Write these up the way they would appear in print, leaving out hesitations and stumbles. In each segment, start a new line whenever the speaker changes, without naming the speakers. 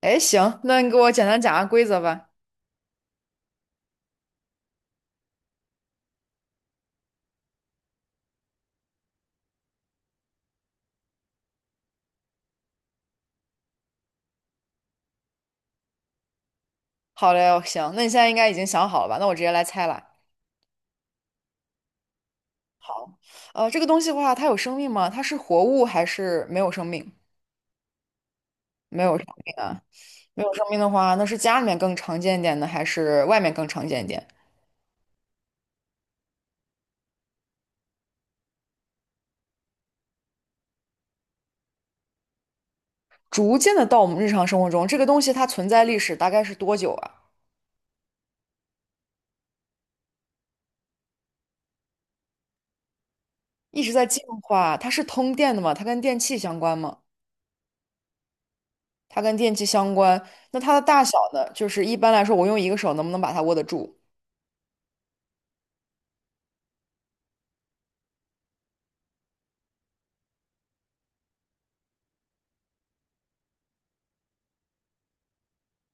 哎，行，那你给我简单讲下规则吧。好嘞，行，那你现在应该已经想好了吧？那我直接来猜了。好，这个东西的话，它有生命吗？它是活物还是没有生命？没有生命啊，没有生命的话，那是家里面更常见一点呢，还是外面更常见一点？逐渐的到我们日常生活中，这个东西它存在历史大概是多久啊？一直在进化，它是通电的吗？它跟电器相关吗？它跟电器相关，那它的大小呢？就是一般来说，我用一个手能不能把它握得住？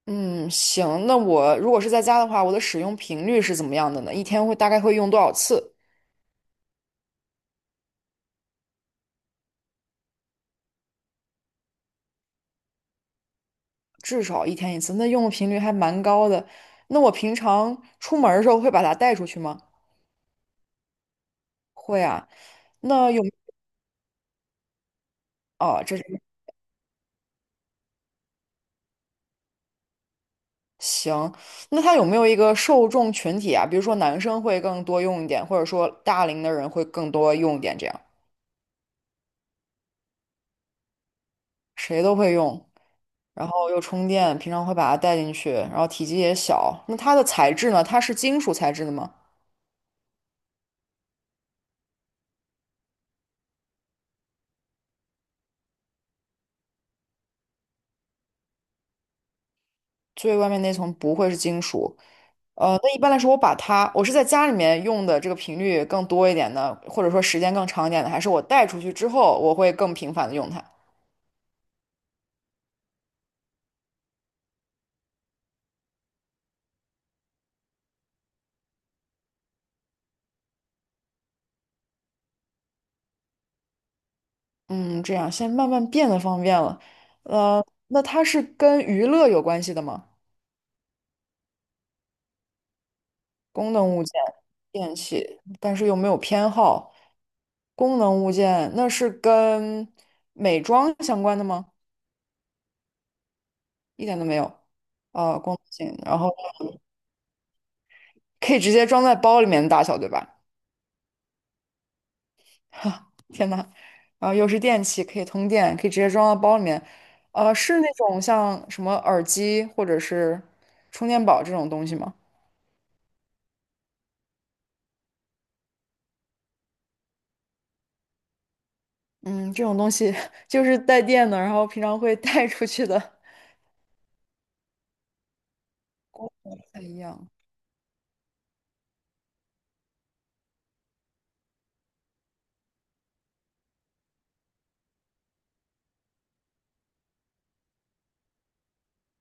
嗯，行，那我如果是在家的话，我的使用频率是怎么样的呢？一天会大概会用多少次？至少一天一次，那用的频率还蛮高的。那我平常出门儿的时候会把它带出去吗？会啊。那有，哦，这是行。那它有没有一个受众群体啊？比如说男生会更多用一点，或者说大龄的人会更多用一点，这样谁都会用，然后又充电，平常会把它带进去，然后体积也小。那它的材质呢？它是金属材质的吗？最外面那层不会是金属。那一般来说，我把它，我是在家里面用的这个频率更多一点的，或者说时间更长一点的，还是我带出去之后，我会更频繁的用它。嗯，这样现在慢慢变得方便了。那它是跟娱乐有关系的吗？功能物件、电器，但是又没有偏好。功能物件，那是跟美妆相关的吗？一点都没有。功能性，然后可以直接装在包里面的大小，对吧？哈，天呐，然后又是电器，可以通电，可以直接装到包里面。是那种像什么耳机或者是充电宝这种东西吗？嗯，这种东西 就是带电的，然后平常会带出去的，功能不太一样，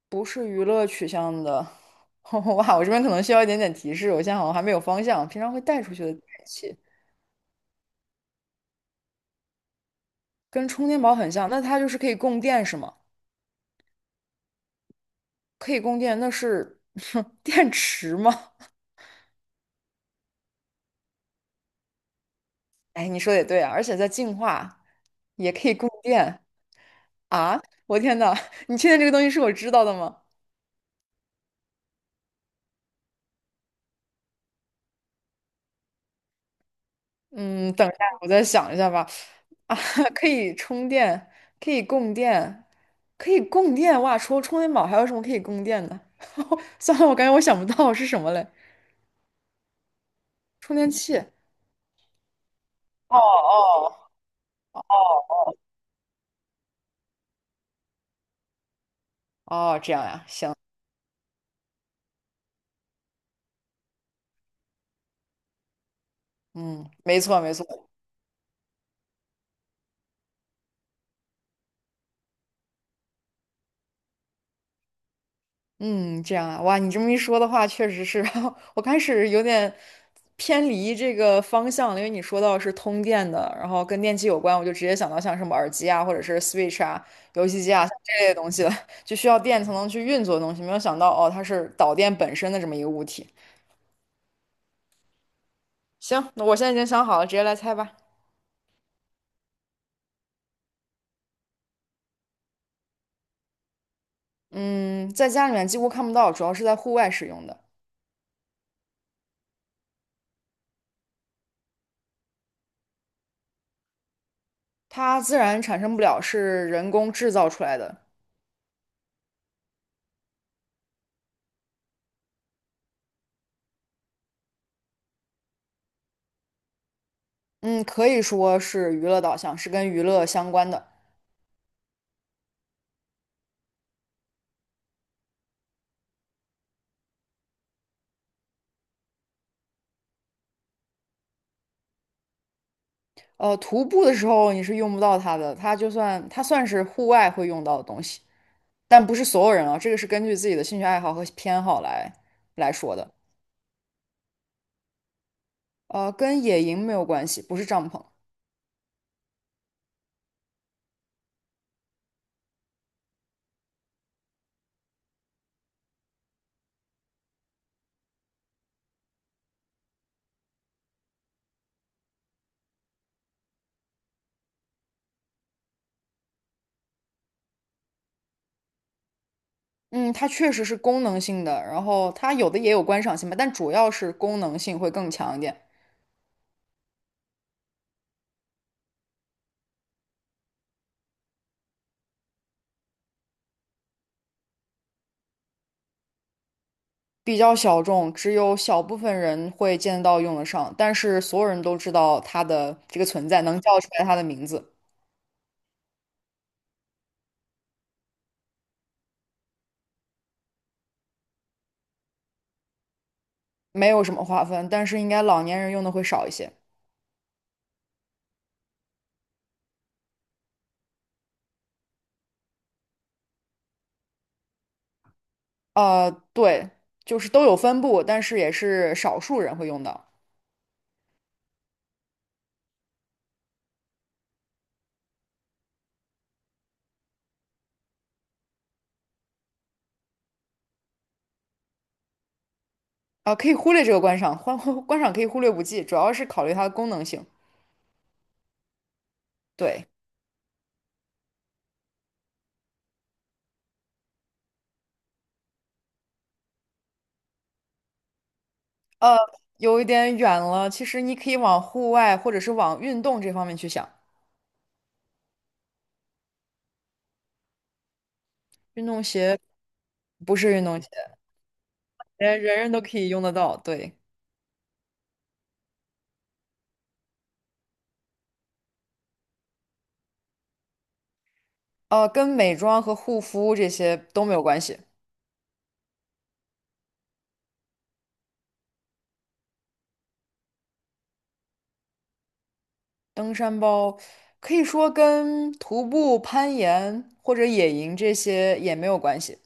不是娱乐取向的。哇，我这边可能需要一点点提示，我现在好像还没有方向。平常会带出去的电器跟充电宝很像，那它就是可以供电是吗？可以供电，那是 电池吗？哎，你说的也对啊，而且在净化，也可以供电啊！我天呐，你确定这个东西是我知道的吗？嗯，等一下，我再想一下吧。啊，可以充电，可以供电，可以供电！哇，除了充电宝，还有什么可以供电的？算了，我感觉我想不到是什么嘞。充电器。哦哦哦，这样呀，行，嗯，没错没错，嗯，这样啊，哇，你这么一说的话，确实是，我开始有点偏离这个方向了，因为你说到是通电的，然后跟电器有关，我就直接想到像什么耳机啊，或者是 Switch 啊、游戏机啊像这类东西了，就需要电才能去运作的东西，没有想到哦，它是导电本身的这么一个物体。行，那我现在已经想好了，直接来猜吧。嗯，在家里面几乎看不到，主要是在户外使用的，它自然产生不了，是人工制造出来的。嗯，可以说是娱乐导向，是跟娱乐相关的。徒步的时候你是用不到它的，它算是户外会用到的东西，但不是所有人啊，这个是根据自己的兴趣爱好和偏好来说的。跟野营没有关系，不是帐篷。嗯，它确实是功能性的，然后它有的也有观赏性吧，但主要是功能性会更强一点，比较小众，只有小部分人会见得到用得上，但是所有人都知道它的这个存在，能叫出来它的名字，没有什么划分，但是应该老年人用的会少一些。对，就是都有分布，但是也是少数人会用到。啊、可以忽略这个观赏，观 观赏可以忽略不计，主要是考虑它的功能性。对，有一点远了，其实你可以往户外或者是往运动这方面去想。运动鞋不是运动鞋，人人都可以用得到。对，跟美妆和护肤这些都没有关系。登山包可以说跟徒步、攀岩或者野营这些也没有关系。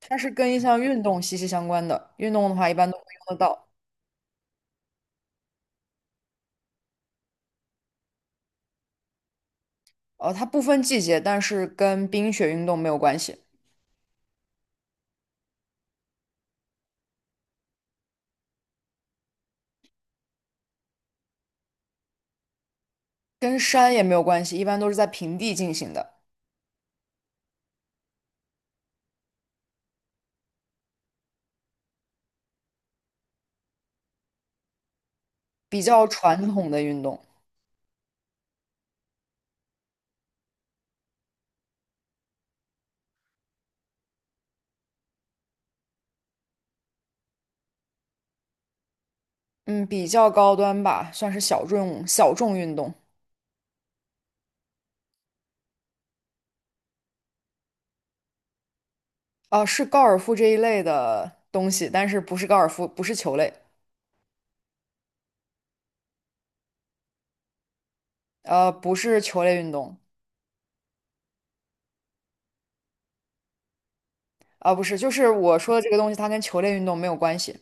它是跟一项运动息息相关的，运动的话一般都会用得到。它不分季节，但是跟冰雪运动没有关系，跟山也没有关系，一般都是在平地进行的，比较传统的运动，嗯，比较高端吧，算是小众运动。啊、是高尔夫这一类的东西，但是不是高尔夫，不是球类，不是球类运动，啊、不是，就是我说的这个东西，它跟球类运动没有关系。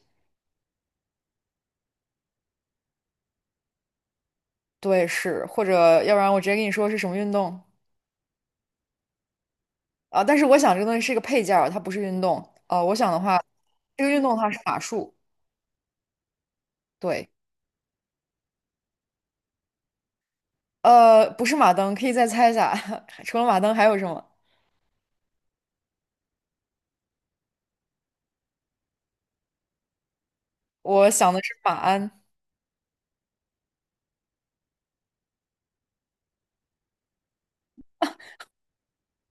对，是，或者要不然我直接跟你说是什么运动。啊，但是我想这个东西是一个配件儿，它不是运动。我想的话，这个运动的话是马术，对，不是马灯，可以再猜一下，除了马灯还有什么？我想的是马鞍，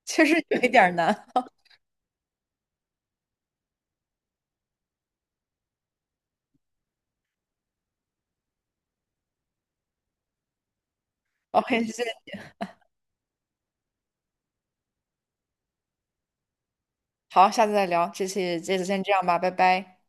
确实有一点儿难。OK，谢谢，好，下次再聊，这期这次先这样吧，拜拜。